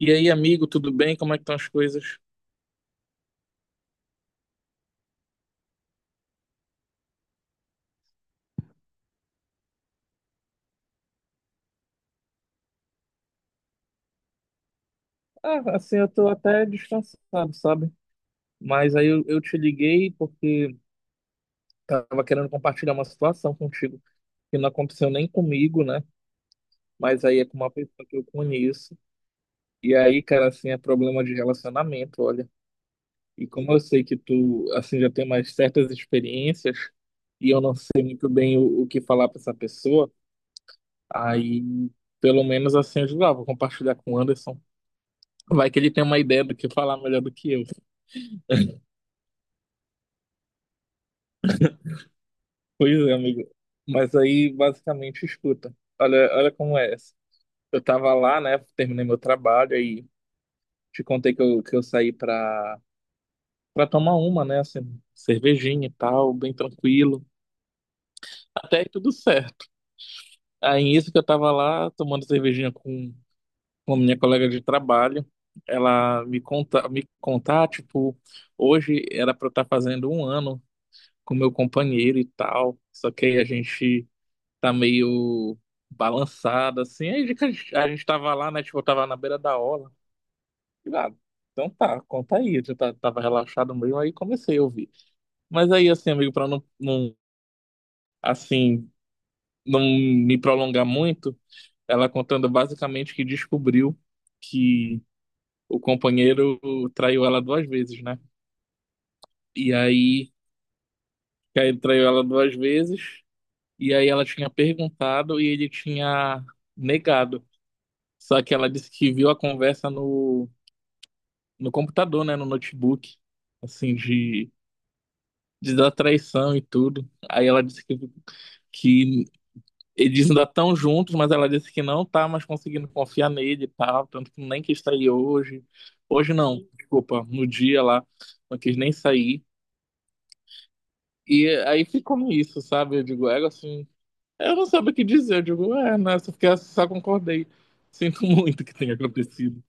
E aí, amigo, tudo bem? Como é que estão as coisas? Ah, assim, eu tô até distanciado sabe? Mas aí eu te liguei porque tava querendo compartilhar uma situação contigo que não aconteceu nem comigo, né? Mas aí é com uma pessoa que eu conheço. E aí, cara, assim, é problema de relacionamento, olha. E como eu sei que tu, assim, já tem mais certas experiências e eu não sei muito bem o que falar pra essa pessoa, aí pelo menos assim eu digo, ah, vou compartilhar com o Anderson. Vai que ele tem uma ideia do que falar melhor do que eu. Pois é, amigo. Mas aí, basicamente, escuta. Olha, olha como é essa. Eu tava lá, né? Terminei meu trabalho aí te contei que eu saí pra tomar uma, né? Assim, cervejinha e tal, bem tranquilo. Até aí tudo certo. Aí, isso que eu tava lá tomando cervejinha com a minha colega de trabalho. Ela me contar, tipo, hoje era pra eu estar fazendo um ano com meu companheiro e tal. Só que aí a gente tá meio balançada, assim. Aí a gente tava lá, né? Tipo, eu tava na beira da orla. E lá, então tá, conta aí. Eu tava relaxado mesmo, aí comecei a ouvir. Mas aí, assim, amigo, pra não, não, assim, não me prolongar muito, ela contando basicamente que descobriu que o companheiro traiu ela duas vezes, né? E aí, que aí ele traiu ela duas vezes, e aí ela tinha perguntado e ele tinha negado. Só que ela disse que viu a conversa no computador, né? No notebook, assim, de da traição e tudo. Aí ela disse que eles ainda estão juntos, mas ela disse que não tá mais conseguindo confiar nele e tal, tanto que nem quis sair hoje. Hoje não, desculpa, no dia lá, não quis nem sair. E aí ficou isso sabe? Eu digo, ela assim, eu não sabia o que dizer. Eu digo, é, né? Só, fiquei, só concordei. Sinto muito que tenha acontecido.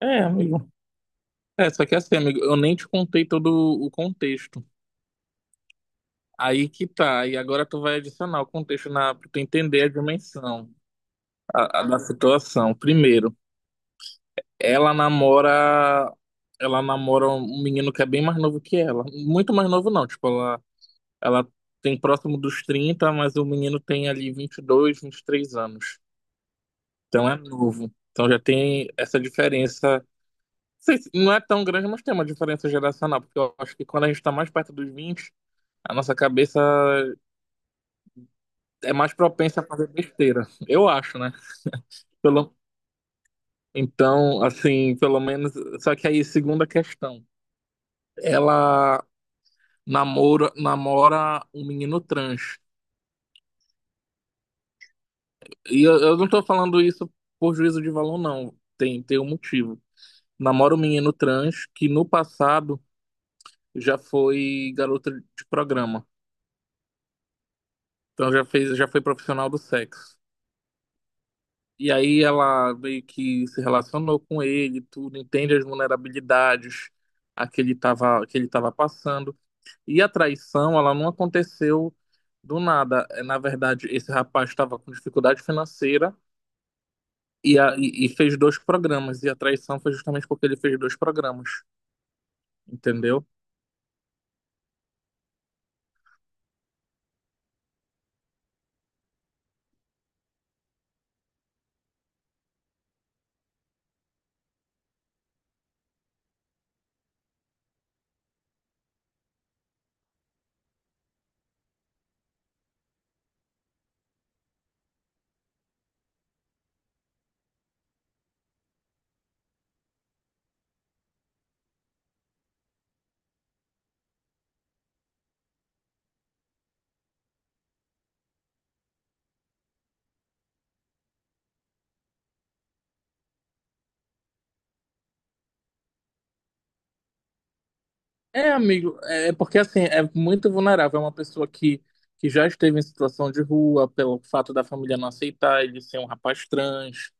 É, amigo. É, só que assim, amigo, eu nem te contei todo o contexto. Aí que tá, e agora tu vai adicionar o contexto na, pra tu entender a dimensão a da situação. Primeiro, ela namora, ela namora um menino que é bem mais novo que ela. Muito mais novo não, tipo, ela tem próximo dos 30, mas o menino tem ali vinte e dois, 23 anos. Então é novo. Então já tem essa diferença. Não sei não é tão grande, mas tem uma diferença geracional, porque eu acho que quando a gente tá mais perto dos 20, a nossa cabeça é mais propensa a fazer besteira, eu acho, né? Pelo... Então, assim, pelo menos. Só que aí, segunda questão. Ela namora um menino trans. E eu não tô falando isso por juízo de valor, não. Tem um motivo. Namora um menino trans que no passado já foi garota de programa. Então já fez, já foi profissional do sexo. E aí ela meio que se relacionou com ele, tudo, entende as vulnerabilidades a que ele estava passando. E a traição, ela não aconteceu do nada. É, na verdade, esse rapaz estava com dificuldade financeira e fez dois programas. E a traição foi justamente porque ele fez dois programas, entendeu? É, amigo, é porque assim, é muito vulnerável. É uma pessoa que já esteve em situação de rua pelo fato da família não aceitar ele ser um rapaz trans.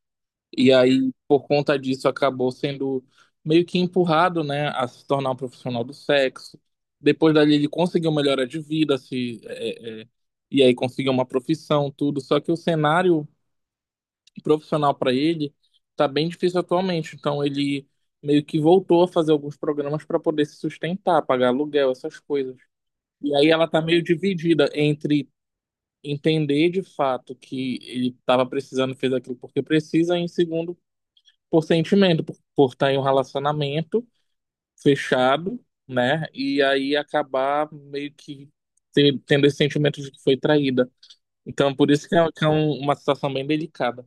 E aí, por conta disso, acabou sendo meio que empurrado, né, a se tornar um profissional do sexo. Depois dali, ele conseguiu melhora de vida, se, é, é, é, e aí conseguiu uma profissão, tudo. Só que o cenário profissional para ele tá bem difícil atualmente. Então, ele meio que voltou a fazer alguns programas para poder se sustentar, pagar aluguel, essas coisas. E aí, ela tá meio dividida entre entender de fato que ele estava precisando, fez aquilo porque precisa, e em segundo por sentimento, por estar em um relacionamento fechado, né? E aí acabar meio que tendo esse sentimento de que foi traída. Então, por isso que é uma situação bem delicada.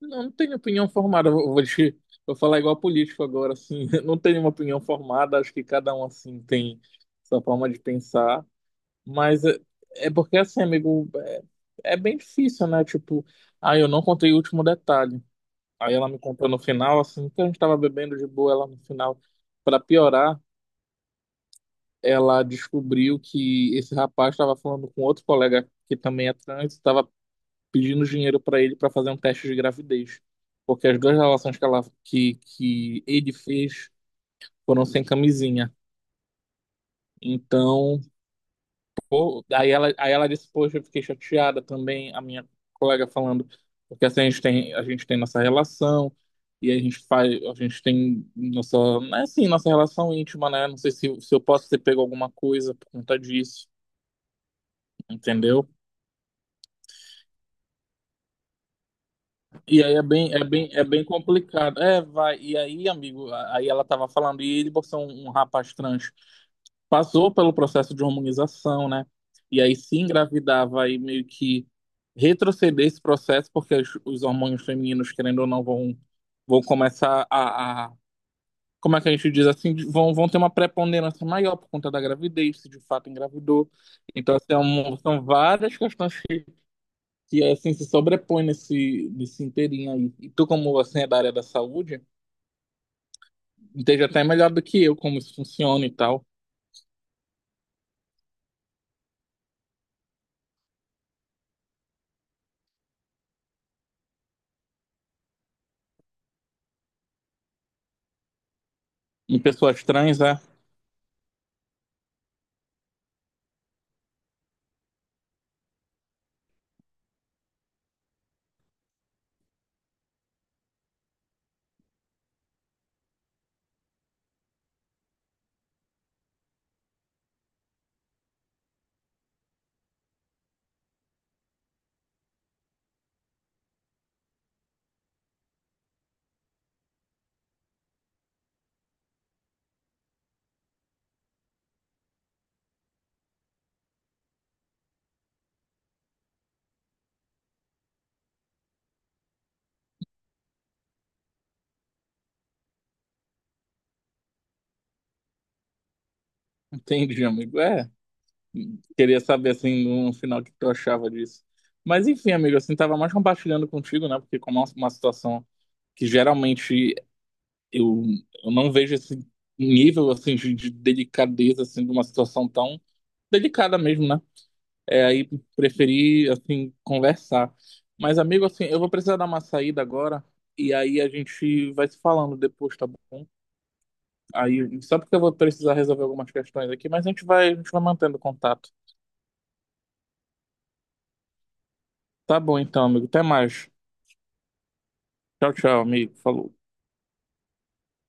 Não, não tenho opinião formada, vou falar igual político agora, assim, não tenho uma opinião formada, acho que cada um, assim, tem sua forma de pensar, mas é porque, assim, amigo, é bem difícil, né? Tipo, ah, eu não contei o último detalhe. Aí ela me contou no final, assim, que a gente estava bebendo de boa, ela no final, para piorar, ela descobriu que esse rapaz estava falando com outro colega que também é trans, estava pedindo dinheiro para ele para fazer um teste de gravidez, porque as duas relações que ela que ele fez foram sem camisinha. Então, pô, aí ela disse, poxa, eu fiquei chateada também, a minha colega falando, porque assim a gente tem nossa relação, e a gente tem nossa, né, assim, nossa relação íntima, né? Não sei se eu posso ter pego alguma coisa por conta disso, entendeu? E aí é bem, é bem complicado. É, vai, e aí, amigo, aí ela tava falando, e ele botou um rapaz trans, passou pelo processo de hormonização, né? E aí se engravidava e meio que retroceder esse processo, porque os hormônios femininos, querendo ou não, vão começar como é que a gente diz assim, vão ter uma preponderância maior por conta da gravidez, se de fato engravidou. Então, assim, são várias questões que assim, se sobrepõem nesse inteirinho aí. E tu, como assim, é da área da saúde, entende até melhor do que eu como isso funciona e tal. Em pessoas trans, é? Entendi, amigo. É. Queria saber, assim, no final, o que tu achava disso. Mas, enfim, amigo, assim, tava mais compartilhando contigo, né? Porque como é uma situação que geralmente eu, eu não vejo esse nível, assim, de delicadeza, assim, de uma situação tão delicada mesmo, né? É, aí preferi, assim, conversar. Mas, amigo, assim, eu vou precisar dar uma saída agora e aí a gente vai se falando depois, tá bom? Aí, só porque eu vou precisar resolver algumas questões aqui, mas a gente vai mantendo contato. Tá bom então, amigo. Até mais. Tchau, tchau, amigo. Falou.